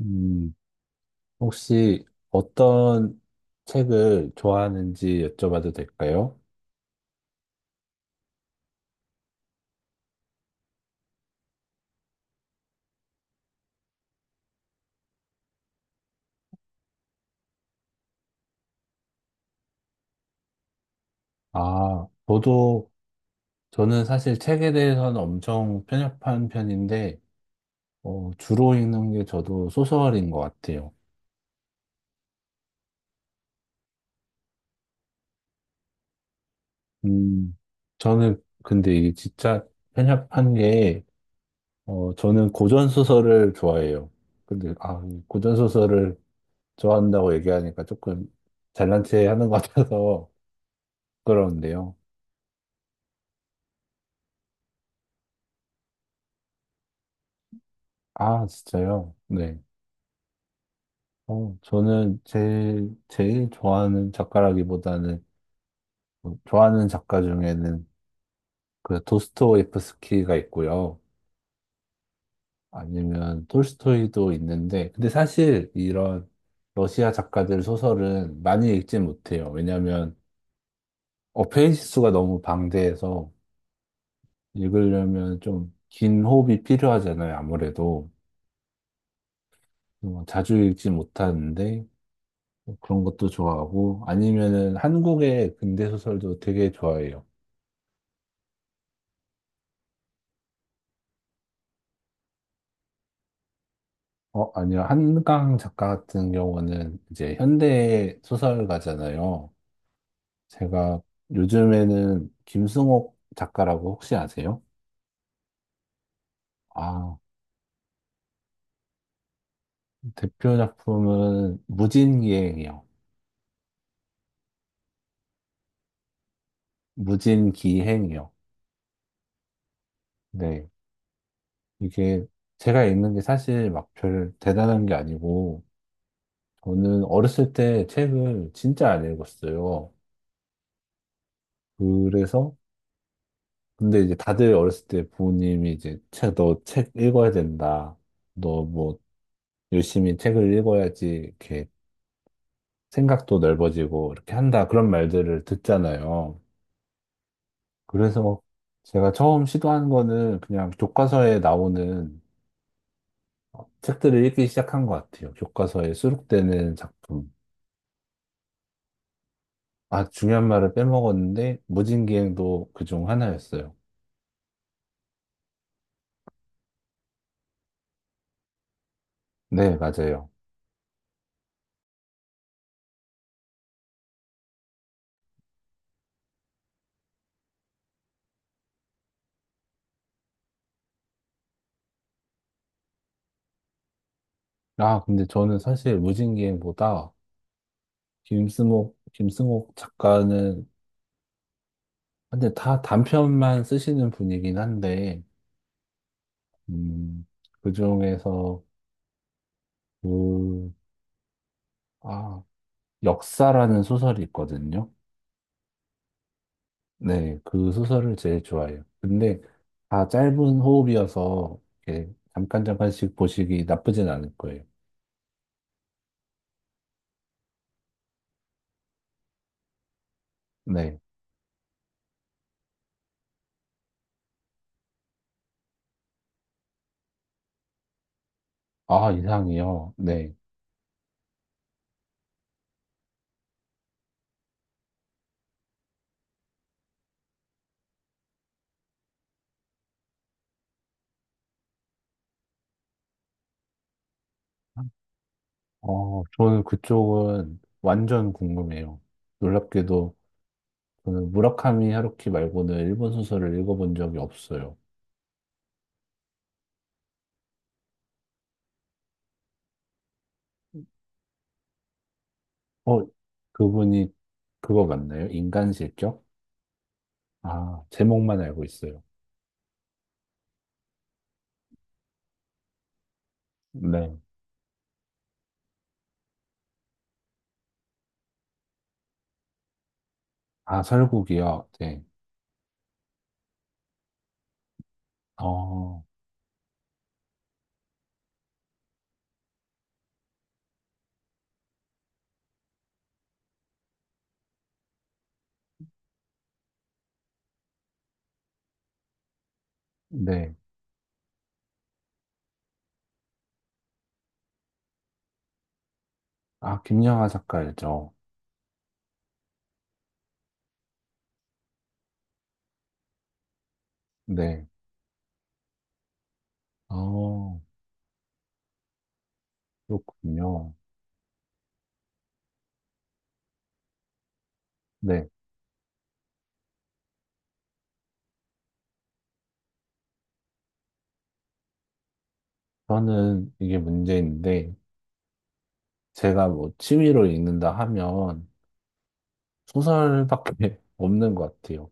음, 혹시 어떤 책을 좋아하는지 여쭤봐도 될까요? 아, 저도, 저는 사실 책에 대해서는 엄청 편협한 편인데, 주로 읽는 게 저도 소설인 것 같아요. 음, 저는 근데 이게 진짜 편협한 게, 저는 고전소설을 좋아해요. 근데, 아, 고전소설을 좋아한다고 얘기하니까 조금 잘난 체 하는 것 같아서 부끄러운데요. 아, 진짜요? 네. 어, 저는 제일 좋아하는 작가라기보다는, 뭐 좋아하는 작가 중에는 그 도스토옙스키가 있고요. 아니면 톨스토이도 있는데, 근데 사실 이런 러시아 작가들 소설은 많이 읽지 못해요. 왜냐면 페이지 수가 너무 방대해서 읽으려면 좀 긴 호흡이 필요하잖아요. 아무래도. 자주 읽지 못하는데, 그런 것도 좋아하고, 아니면은 한국의 근대 소설도 되게 좋아해요. 어, 아니요. 한강 작가 같은 경우는 이제 현대 소설가잖아요. 제가 요즘에는 김승옥 작가라고 혹시 아세요? 아, 대표 작품은 무진기행이요. 무진기행이요. 네. 이게 제가 읽는 게 사실 막 별 대단한 게 아니고, 저는 어렸을 때 책을 진짜 안 읽었어요. 그래서, 근데 이제 다들 어렸을 때 부모님이 이제 책, 너 책 읽어야 된다. 너뭐 열심히 책을 읽어야지 이렇게 생각도 넓어지고 이렇게 한다 그런 말들을 듣잖아요. 그래서 제가 처음 시도한 거는 그냥 교과서에 나오는 책들을 읽기 시작한 것 같아요. 교과서에 수록되는 작품. 아, 중요한 말을 빼먹었는데 무진기행도 그중 하나였어요. 네, 맞아요. 아, 근데 저는 사실 무진기행보다 김승옥 작가는 근데 다 단편만 쓰시는 분이긴 한데 음, 그 중에서 그, 아, 역사라는 소설이 있거든요. 네, 그 소설을 제일 좋아해요. 근데 다 짧은 호흡이어서 이렇게 잠깐 잠깐씩 보시기 나쁘진 않을 거예요. 네. 아, 이상이요. 네. 어, 저는 그쪽은 완전 궁금해요. 놀랍게도 저는 무라카미 하루키 말고는 일본 소설을 읽어본 적이 없어요. 어, 그분이 그거 맞나요? 인간 실격? 아, 제목만 알고 있어요. 네. 아, 설국이요? 네. 어, 네. 아, 김영하 작가 알죠? 네. 어, 그렇군요. 네. 저는 이게 문제인데, 제가 뭐 취미로 읽는다 하면 소설밖에 없는 것 같아요.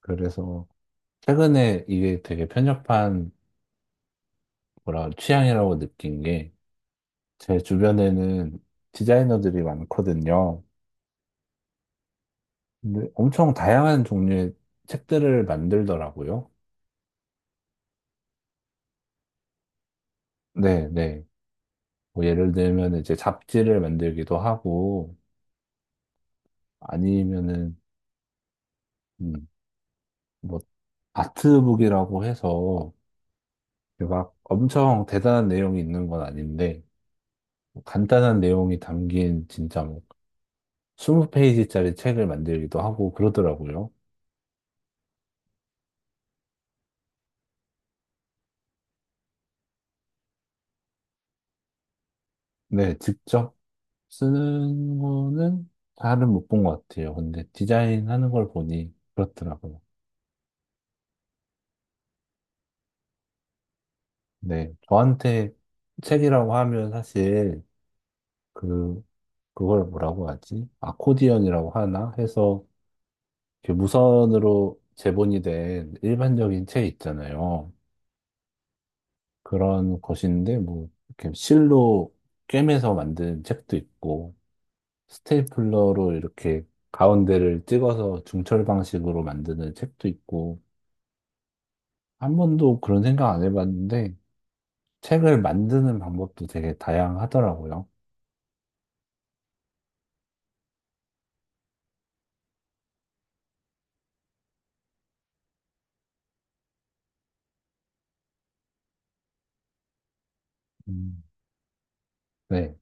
그래서 최근에 이게 되게 편협한 뭐라 취향이라고 느낀 게, 제 주변에는 디자이너들이 많거든요. 근데 엄청 다양한 종류의 책들을 만들더라고요. 네, 네. 뭐 예를 들면 이제 잡지를 만들기도 하고 아니면은 음, 뭐 아트북이라고 해서 막 엄청 대단한 내용이 있는 건 아닌데 뭐 간단한 내용이 담긴 진짜 뭐 20페이지짜리 책을 만들기도 하고 그러더라고요. 네, 직접 쓰는 거는 잘은 못 본 것 같아요. 근데 디자인하는 걸 보니 그렇더라고요. 네, 저한테 책이라고 하면 사실 그 그걸 뭐라고 하지? 아코디언이라고 하나 해서 이렇게 무선으로 제본이 된 일반적인 책 있잖아요. 그런 것인데 뭐 이렇게 실로 꿰매서 만든 책도 있고 스테이플러로 이렇게 가운데를 찍어서 중철 방식으로 만드는 책도 있고 한 번도 그런 생각 안 해봤는데 책을 만드는 방법도 되게 다양하더라고요. 음, 네.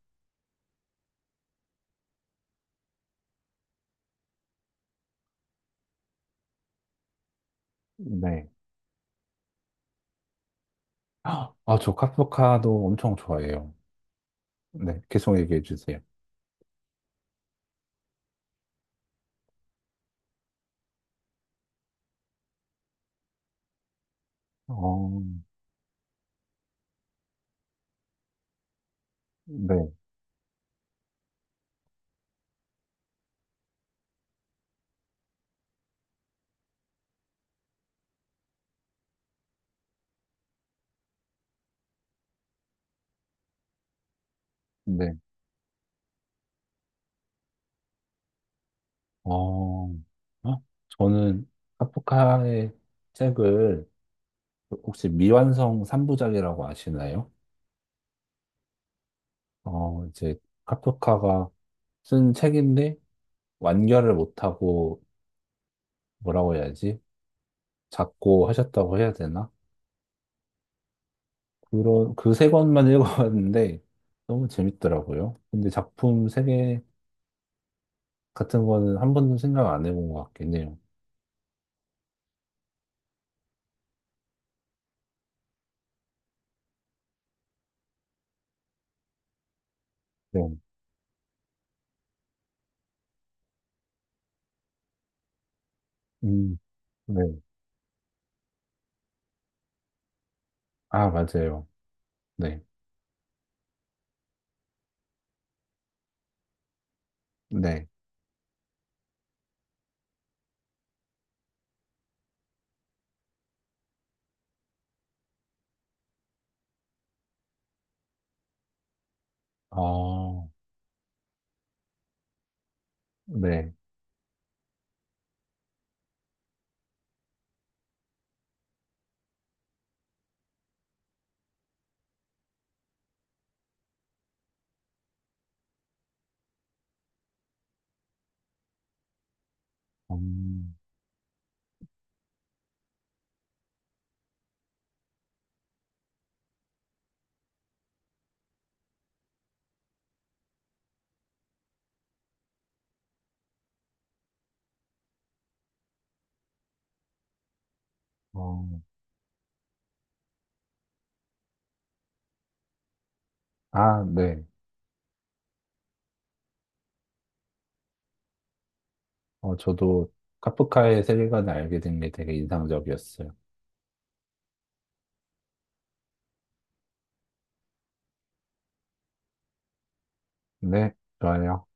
네. 아, 저 카프카도 엄청 좋아해요. 네, 계속 얘기해 주세요. 어, 네, 네. 어, 어? 저는 카프카의 책을 혹시 미완성 3부작이라고 아시나요? 이제 카프카가 쓴 책인데 완결을 못하고 뭐라고 해야지? 작고 하셨다고 해야 되나? 그런, 그 세 권만 읽어봤는데 너무 재밌더라고요. 근데 작품 세개 같은 거는 한 번도 생각 안 해본 것 같긴 해요. 네. 음, 네. 아, 맞아요. 네. 네. 어, 네. 음, 어, 아, 네. 어, 저도 카프카의 세계관을 알게 된 게 되게 인상적이었어요. 네. 좋아요.